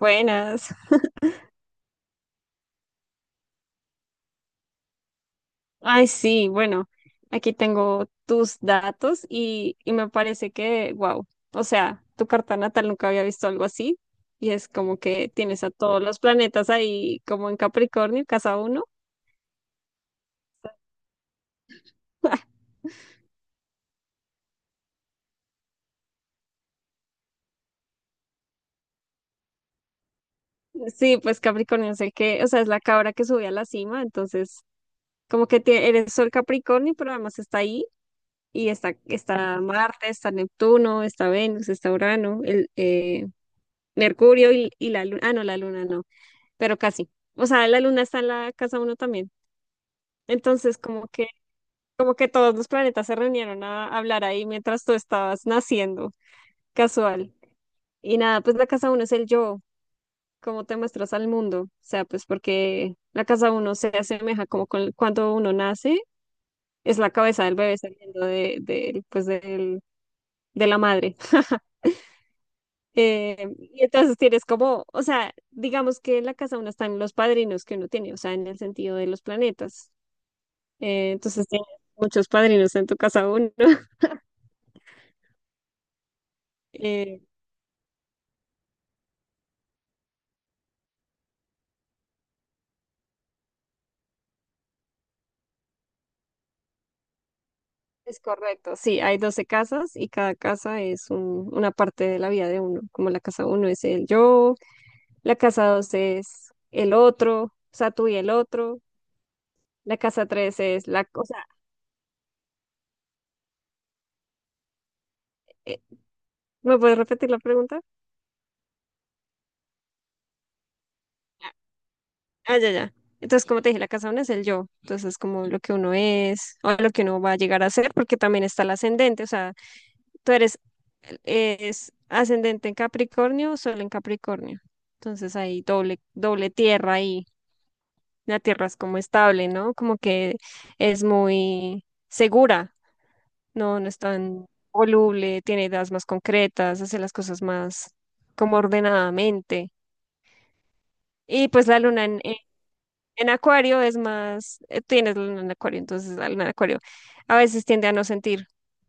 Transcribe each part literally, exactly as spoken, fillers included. Buenas. Ay, sí, bueno, aquí tengo tus datos y, y me parece que, wow, o sea, tu carta natal nunca había visto algo así y es como que tienes a todos los planetas ahí como en Capricornio, casa uno. Sí, pues Capricornio es el que, o sea, es la cabra que sube a la cima, entonces como que tie- eres Sol Capricornio, pero además está ahí y está, está Marte, está Neptuno, está Venus, está Urano, el, eh, Mercurio y, y la luna, ah, no, la luna no, pero casi. O sea, la luna está en la casa uno también. Entonces, como que, como que todos los planetas se reunieron a hablar ahí mientras tú estabas naciendo, casual. Y nada, pues la casa uno es el yo, cómo te muestras al mundo. O sea, pues porque la casa uno se asemeja como con, cuando uno nace, es la cabeza del bebé saliendo de, de, pues del, de la madre. Eh, y entonces tienes como, o sea, digamos que en la casa uno están los padrinos que uno tiene, o sea, en el sentido de los planetas. Eh, entonces tienes muchos padrinos en tu casa uno. Eh, es correcto, sí, hay doce casas y cada casa es un- una parte de la vida de uno, como la casa uno es el yo, la casa dos es el otro, o sea, tú y el otro, la casa tres es la, o sea, eh, ¿me puedes repetir la pregunta? Ah, ya, ya. Entonces, como te dije, la casa uno es el yo, entonces como lo que uno es o lo que uno va a llegar a ser, porque también está el ascendente, o sea, tú eres eh, es ascendente en Capricornio, Sol en Capricornio. Entonces hay doble, doble tierra ahí. La tierra es como estable, ¿no? Como que es muy segura, no, no es tan voluble, tiene ideas más concretas, hace las cosas más como ordenadamente. Y pues la luna en, en- en Acuario es más, eh, tienes la luna en Acuario, entonces la luna en Acuario a veces tiende a no sentir,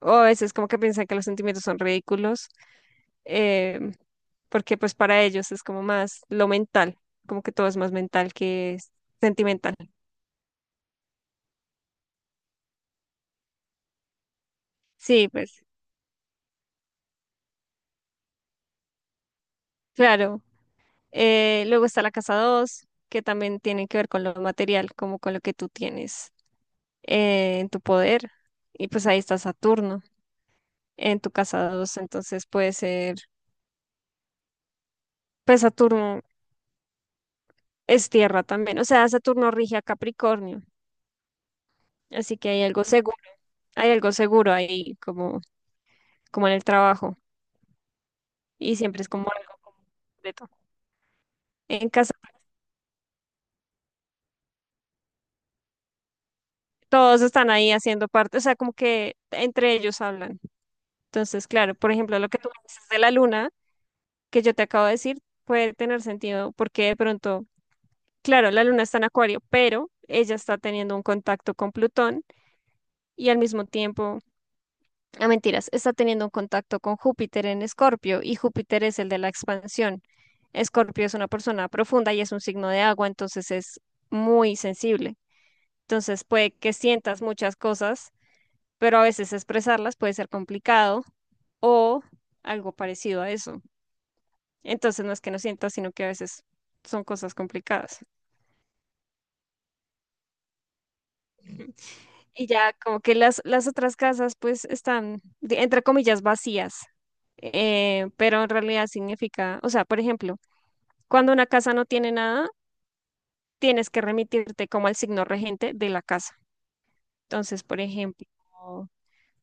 o a veces como que piensan que los sentimientos son ridículos, eh, porque pues para ellos es como más lo mental, como que todo es más mental que es sentimental. Sí, pues claro. Eh, luego está la casa dos que también tiene que ver con lo material, como con lo que tú tienes eh, en tu poder. Y pues ahí está Saturno en tu casa dos, entonces puede ser, pues Saturno es tierra también, o sea, Saturno rige a Capricornio, así que hay algo seguro, hay algo seguro ahí como, como en el trabajo y siempre es como algo completo. En casa todos están ahí haciendo parte, o sea, como que entre ellos hablan. Entonces, claro, por ejemplo, lo que tú me dices de la luna, que yo te acabo de decir, puede tener sentido porque de pronto, claro, la luna está en Acuario, pero ella está teniendo un contacto con Plutón y al mismo tiempo, a mentiras, está teniendo un contacto con Júpiter en Escorpio y Júpiter es el de la expansión. Escorpio es una persona profunda y es un signo de agua, entonces es muy sensible. Entonces puede que sientas muchas cosas, pero a veces expresarlas puede ser complicado o algo parecido a eso. Entonces no es que no sienta, sino que a veces son cosas complicadas. Y ya como que las, las otras casas pues están, de- entre comillas, vacías, eh, pero en realidad significa, o sea, por ejemplo, cuando una casa no tiene nada, tienes que remitirte como al signo regente de la casa. Entonces, por ejemplo...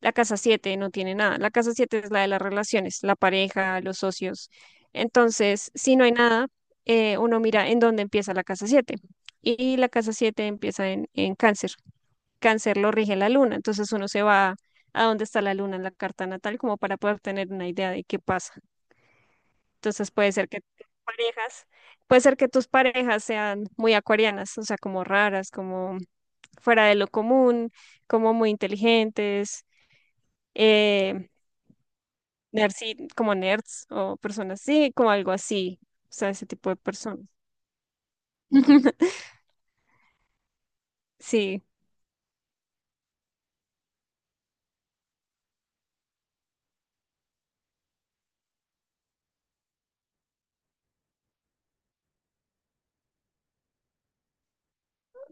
La casa siete no tiene nada. La casa siete es la de las relaciones, la pareja, los socios. Entonces, si no hay nada, eh, uno mira en dónde empieza la casa siete. Y la casa siete empieza en, en cáncer. Cáncer lo rige la luna. Entonces uno se va a dónde está la luna en la carta natal como para poder tener una idea de qué pasa. Entonces puede ser que tus parejas, puede ser que tus parejas sean muy acuarianas, o sea, como raras, como fuera de lo común, como muy inteligentes. eh, Nerds, sí, como nerds o personas así, como algo así, o sea, ese tipo de personas. Sí,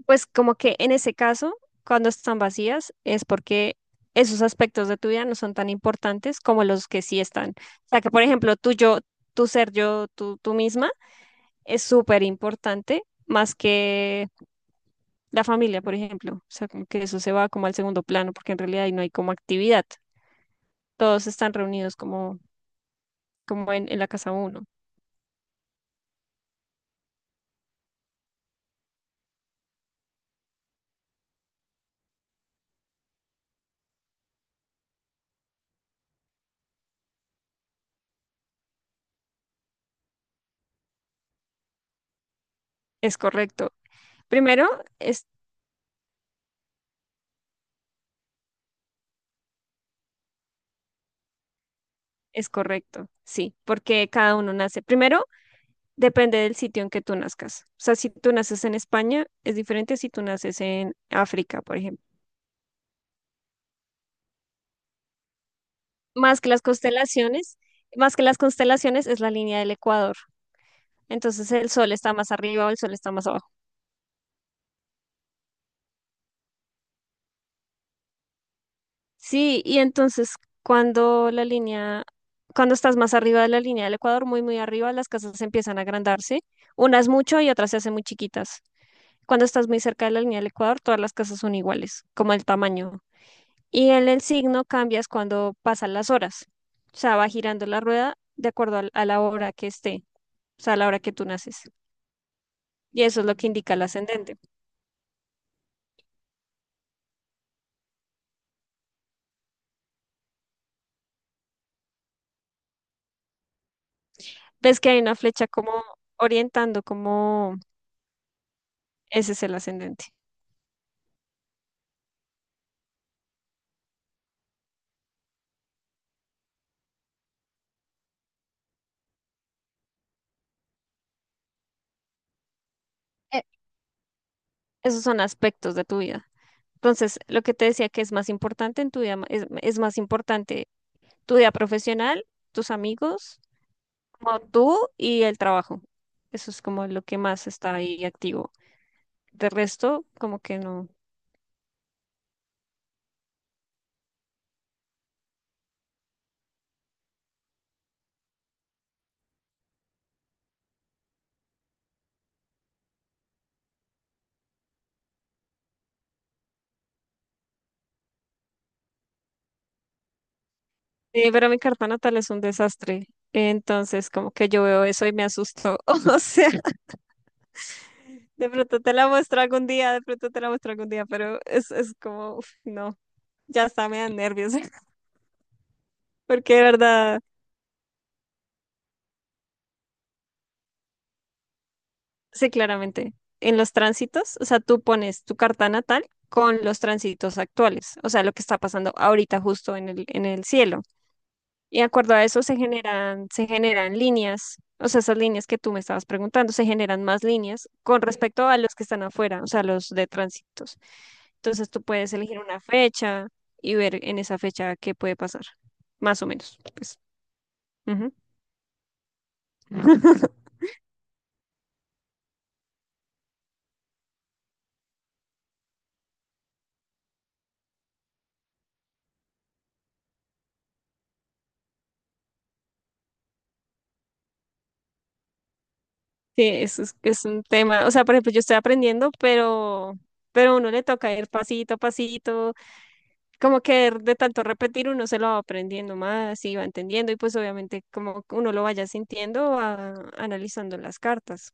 pues como que en ese caso, cuando están vacías, es porque esos aspectos de tu vida no son tan importantes como los que sí están. O sea, que por ejemplo, tu yo, tu ser yo, tú, tú misma, es súper importante, más que la familia, por ejemplo. O sea, como que eso se va como al segundo plano, porque en realidad ahí no hay como actividad. Todos están reunidos como, como en, en la casa uno. Es correcto. Primero, es, es correcto, sí, porque cada uno nace. Primero, depende del sitio en que tú nazcas. O sea, si tú naces en España, es diferente si tú naces en África, por ejemplo. Más que las constelaciones, más que las constelaciones es la línea del Ecuador. Entonces el sol está más arriba o el sol está más abajo. Sí, y entonces cuando la línea, cuando estás más arriba de la línea del Ecuador, muy, muy arriba, las casas empiezan a agrandarse, unas mucho y otras se hacen muy chiquitas. Cuando estás muy cerca de la línea del Ecuador, todas las casas son iguales, como el tamaño. Y en el signo cambias cuando pasan las horas. O sea, va girando la rueda de acuerdo al- a la hora que esté, o sea, a la hora que tú naces. Y eso es lo que indica el ascendente. Ves que hay una flecha como orientando, como ese es el ascendente. Eh, Esos son aspectos de tu vida. Entonces, lo que te decía que es más importante en tu vida, ma- es, es más importante tu vida profesional, tus amigos, como tú y el trabajo. Eso es como lo que más está ahí activo. De resto, como que no. Eh, pero mi carta natal es un desastre. Entonces, como que yo veo eso y me asusto. O sea, de pronto te la muestro algún día, de pronto te la muestro algún día, pero es, es como, uf, no, ya está, me dan nervios. Porque de verdad, sí, claramente, en los tránsitos, o sea, tú pones tu carta natal con los tránsitos actuales, o sea, lo que está pasando ahorita justo en el, en el cielo. Y de acuerdo a eso se generan, se generan líneas, o sea, esas líneas que tú me estabas preguntando, se generan más líneas con respecto a los que están afuera, o sea, los de tránsitos. Entonces tú puedes elegir una fecha y ver en esa fecha qué puede pasar, más o menos, pues. Ujú. Sí, eso es, es un tema. O sea, por ejemplo, yo estoy aprendiendo, pero, pero a uno le toca ir pasito a pasito, como que de tanto repetir uno se lo va aprendiendo más y va entendiendo y pues obviamente como que uno lo vaya sintiendo va analizando las cartas.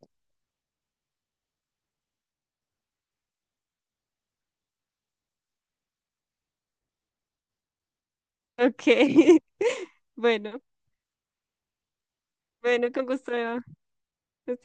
Ok, bueno, bueno, con gusto. Eva. Hasta